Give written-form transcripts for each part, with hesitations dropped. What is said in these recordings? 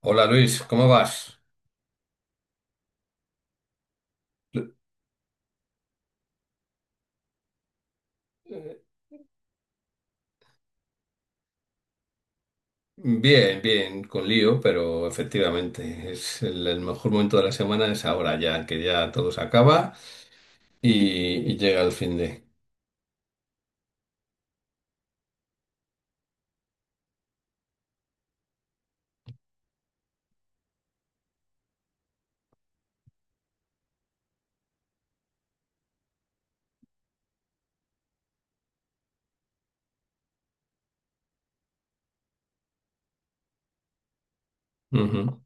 Hola Luis, ¿cómo vas? Lu- eh, Bien, bien, con lío, pero efectivamente es el mejor momento de la semana es ahora ya, que ya todo se acaba y llega el fin de. Ujú.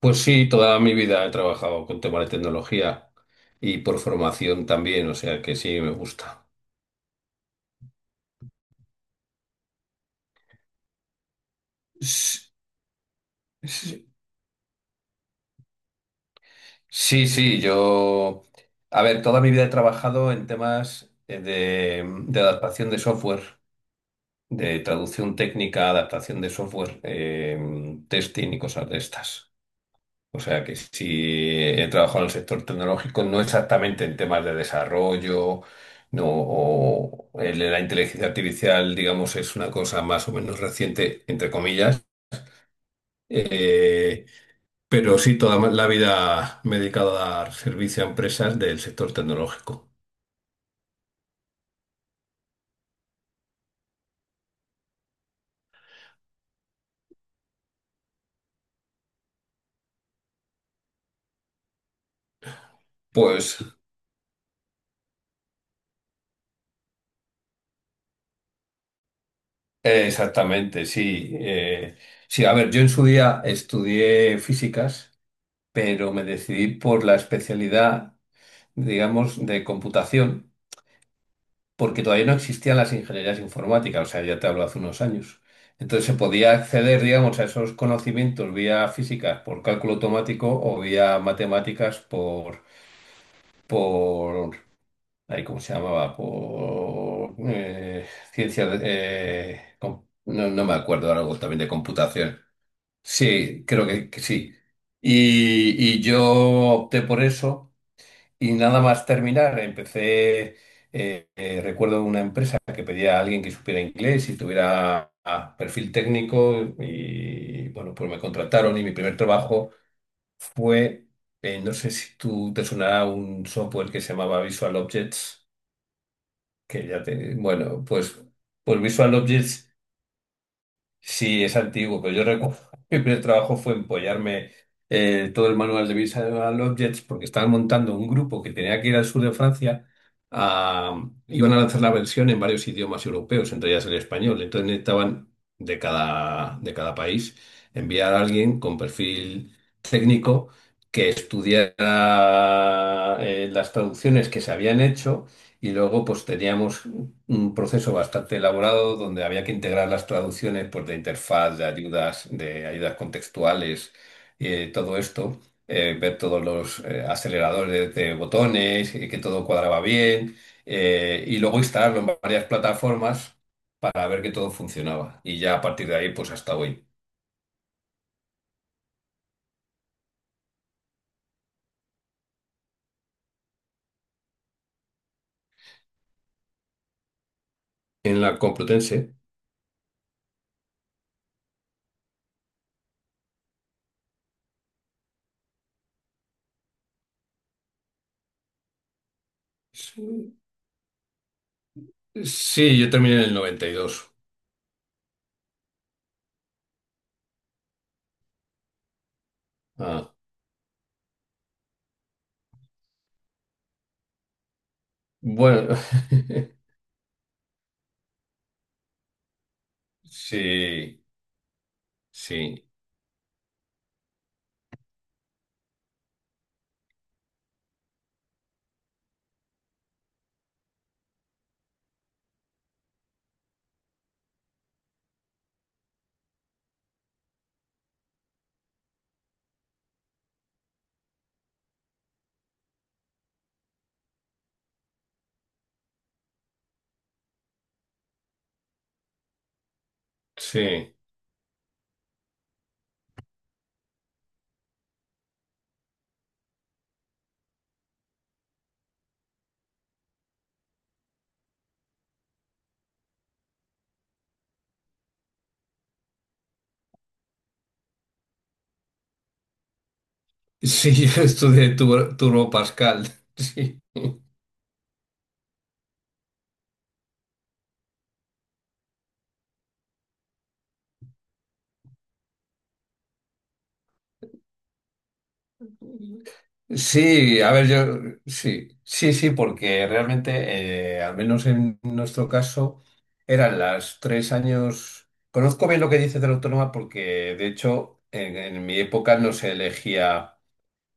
Pues sí, toda mi vida he trabajado con temas de tecnología y por formación también, o sea que sí, me gusta. S- s- Sí, sí, yo... A ver, toda mi vida he trabajado en temas de adaptación de software, de traducción técnica, adaptación de software, testing y cosas de estas. O sea que sí he trabajado en el sector tecnológico, no exactamente en temas de desarrollo, no, o el la inteligencia artificial, digamos, es una cosa más o menos reciente, entre comillas. eh, pero sí, la vida me he dedicado a dar servicio a empresas del sector tecnológico. Pues exactamente, sí. Sí, a ver, yo en su día estudié físicas pero me decidí por la especialidad, digamos, de computación, porque todavía no existían las ingenierías informáticas, o sea, ya te hablo hace unos años. Entonces se podía acceder, digamos, a esos conocimientos vía físicas por cálculo automático o vía matemáticas por, ay, ¿cómo se llamaba? Por ciencia, de- no, no me acuerdo, algo también de computación. Sí, creo que sí. Y yo opté por eso. Y nada más terminar, recuerdo una empresa que pedía a alguien que supiera inglés y tuviera perfil técnico y bueno, pues me contrataron y mi primer trabajo fue. No sé si tú te sonará un software que se llamaba Visual Objects, que ya te, bueno, pues, pues Visual Objects. Sí, es antiguo, pero yo recuerdo que mi primer trabajo fue empollarme todo el manual de Visual Objects porque estaban montando un grupo que tenía que ir al sur de Francia. a- Iban a lanzar la versión en varios idiomas europeos, entre ellas el español. Entonces necesitaban de cada país enviar a alguien con perfil técnico que estudiara las traducciones que se habían hecho y luego pues teníamos un proceso bastante elaborado donde había que integrar las traducciones pues, de interfaz, de ayudas contextuales, todo esto, ver todos los aceleradores de botones, que todo cuadraba bien, y luego instalarlo en varias plataformas para ver que todo funcionaba. Y ya a partir de ahí, pues hasta hoy. En la Complutense. Sí, sí, yo terminé en el 92. Ah, bueno, sí, sí, sí. Sí, yo estudié Turbo Pascal. Sí. Sí, a ver, yo sí, sí, sí, porque realmente, al menos en nuestro caso, eran las tres años. Conozco bien lo que dices de la autónoma porque, de hecho, en mi época no se elegía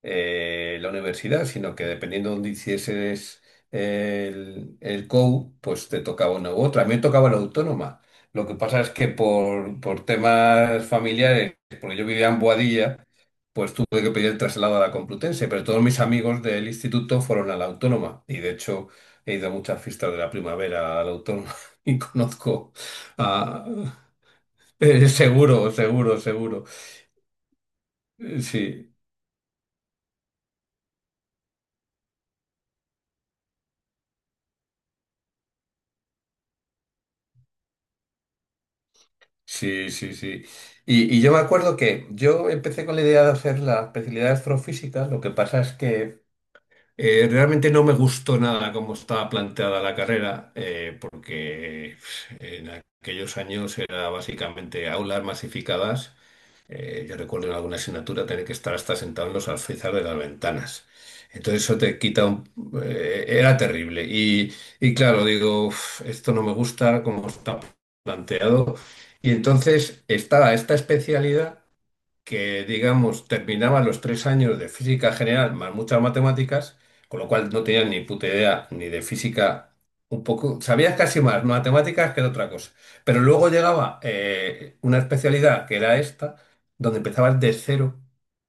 la universidad, sino que dependiendo de dónde hicieses el COU, pues te tocaba una u otra. A mí me tocaba la autónoma. Lo que pasa es que por temas familiares, porque yo vivía en Boadilla, pues tuve que pedir el traslado a la Complutense, pero todos mis amigos del instituto fueron a la autónoma y de hecho he ido a muchas fiestas de la primavera a la autónoma y conozco a... seguro, seguro, seguro. Sí, sí, sí, sí. Y yo me acuerdo que yo empecé con la idea de hacer la especialidad de astrofísica, lo que pasa es que realmente no me gustó nada cómo estaba planteada la carrera, porque pf, en aquellos años era básicamente aulas masificadas. Yo recuerdo en alguna asignatura tener que estar hasta sentado en los alféizares de las ventanas. Entonces eso te quita un... era terrible. Y claro, digo, "Uf, esto no me gusta como está planteado. Y entonces estaba esta especialidad que, digamos, terminaba los tres años de física general más muchas matemáticas, con lo cual no tenía ni puta idea ni de física, un poco, sabías casi más matemáticas que de otra cosa. Pero luego llegaba una especialidad que era esta, donde empezabas de cero,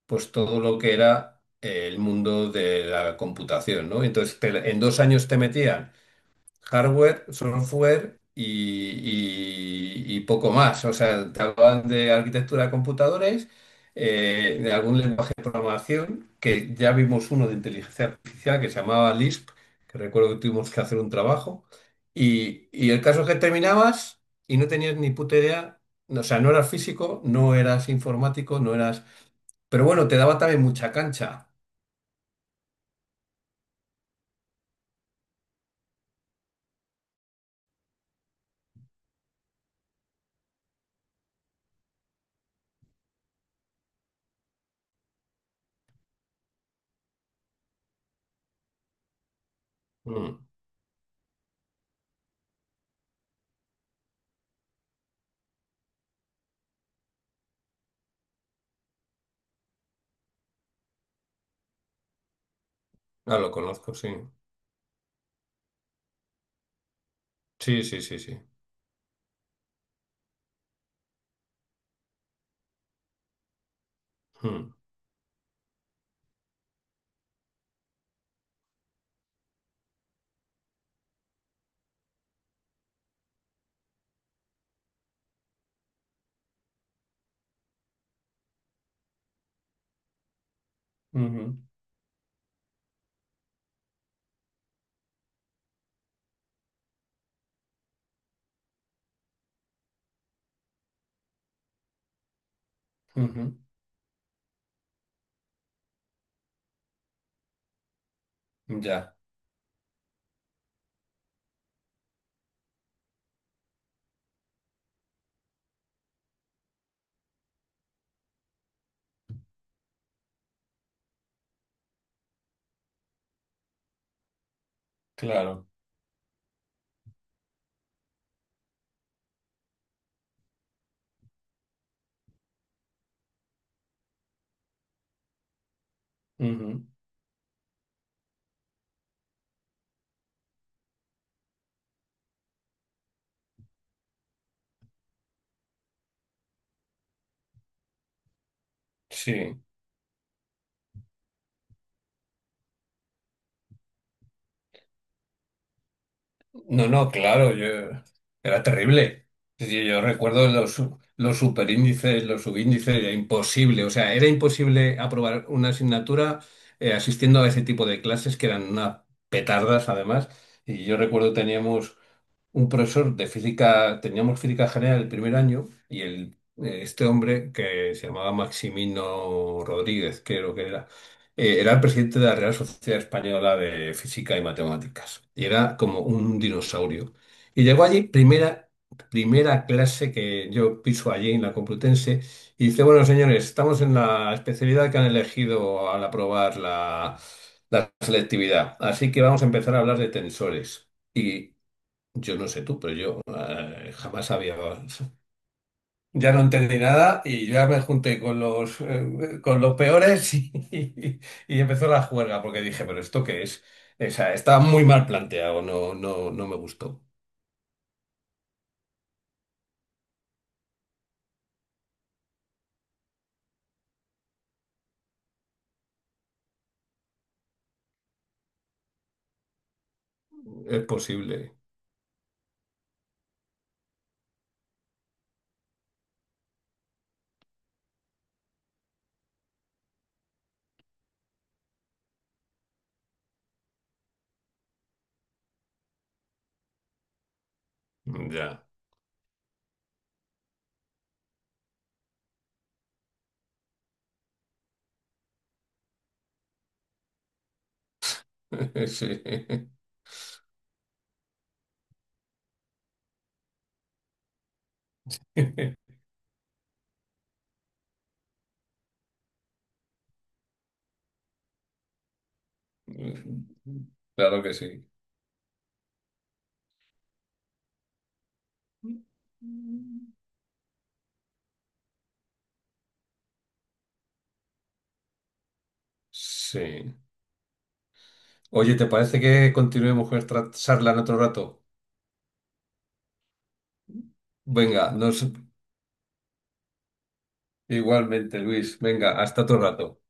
pues todo lo que era el mundo de la computación, ¿no? Entonces, en dos años te metían hardware, software y poco más. O sea, te hablaban de arquitectura de computadores, de algún lenguaje de programación, que ya vimos uno de inteligencia artificial que se llamaba Lisp, que recuerdo que tuvimos que hacer un trabajo. Y el caso es que terminabas y no tenías ni puta idea, o sea, no eras físico, no eras informático, no eras... Pero bueno, te daba también mucha cancha. Mm. Ah, lo conozco, sí. Sí, sí, sí, sí. Mm. Ujú, ujú. Ya, claro. Ujú. Sí. No, no, claro, yo era terrible. Es decir, yo recuerdo los superíndices, los subíndices, era imposible. O sea, era imposible aprobar una asignatura asistiendo a ese tipo de clases que eran unas petardas, además. Y yo recuerdo teníamos un profesor de física, teníamos física general el primer año y el, este hombre que se llamaba Maximino Rodríguez, creo que era, era el presidente de la Real Sociedad Española de Física y Matemáticas y era como un dinosaurio. Y llegó allí, primera clase que yo piso allí en la Complutense, y dice, bueno, señores, estamos en la especialidad que han elegido al aprobar la... la selectividad. Así que vamos a empezar a hablar de tensores. Y yo no sé tú, pero yo jamás había... Ya no entendí nada y yo ya me junté con los peores y, y empezó la juerga porque dije, pero ¿esto qué es? O sea, estaba muy mal planteado, no, no, no me gustó. Es posible. Ya. Sí. Claro que sí. Sí. Oye, ¿te parece que continuemos con esta charla en otro rato? Venga, nos... igualmente, Luis. Venga, hasta otro rato.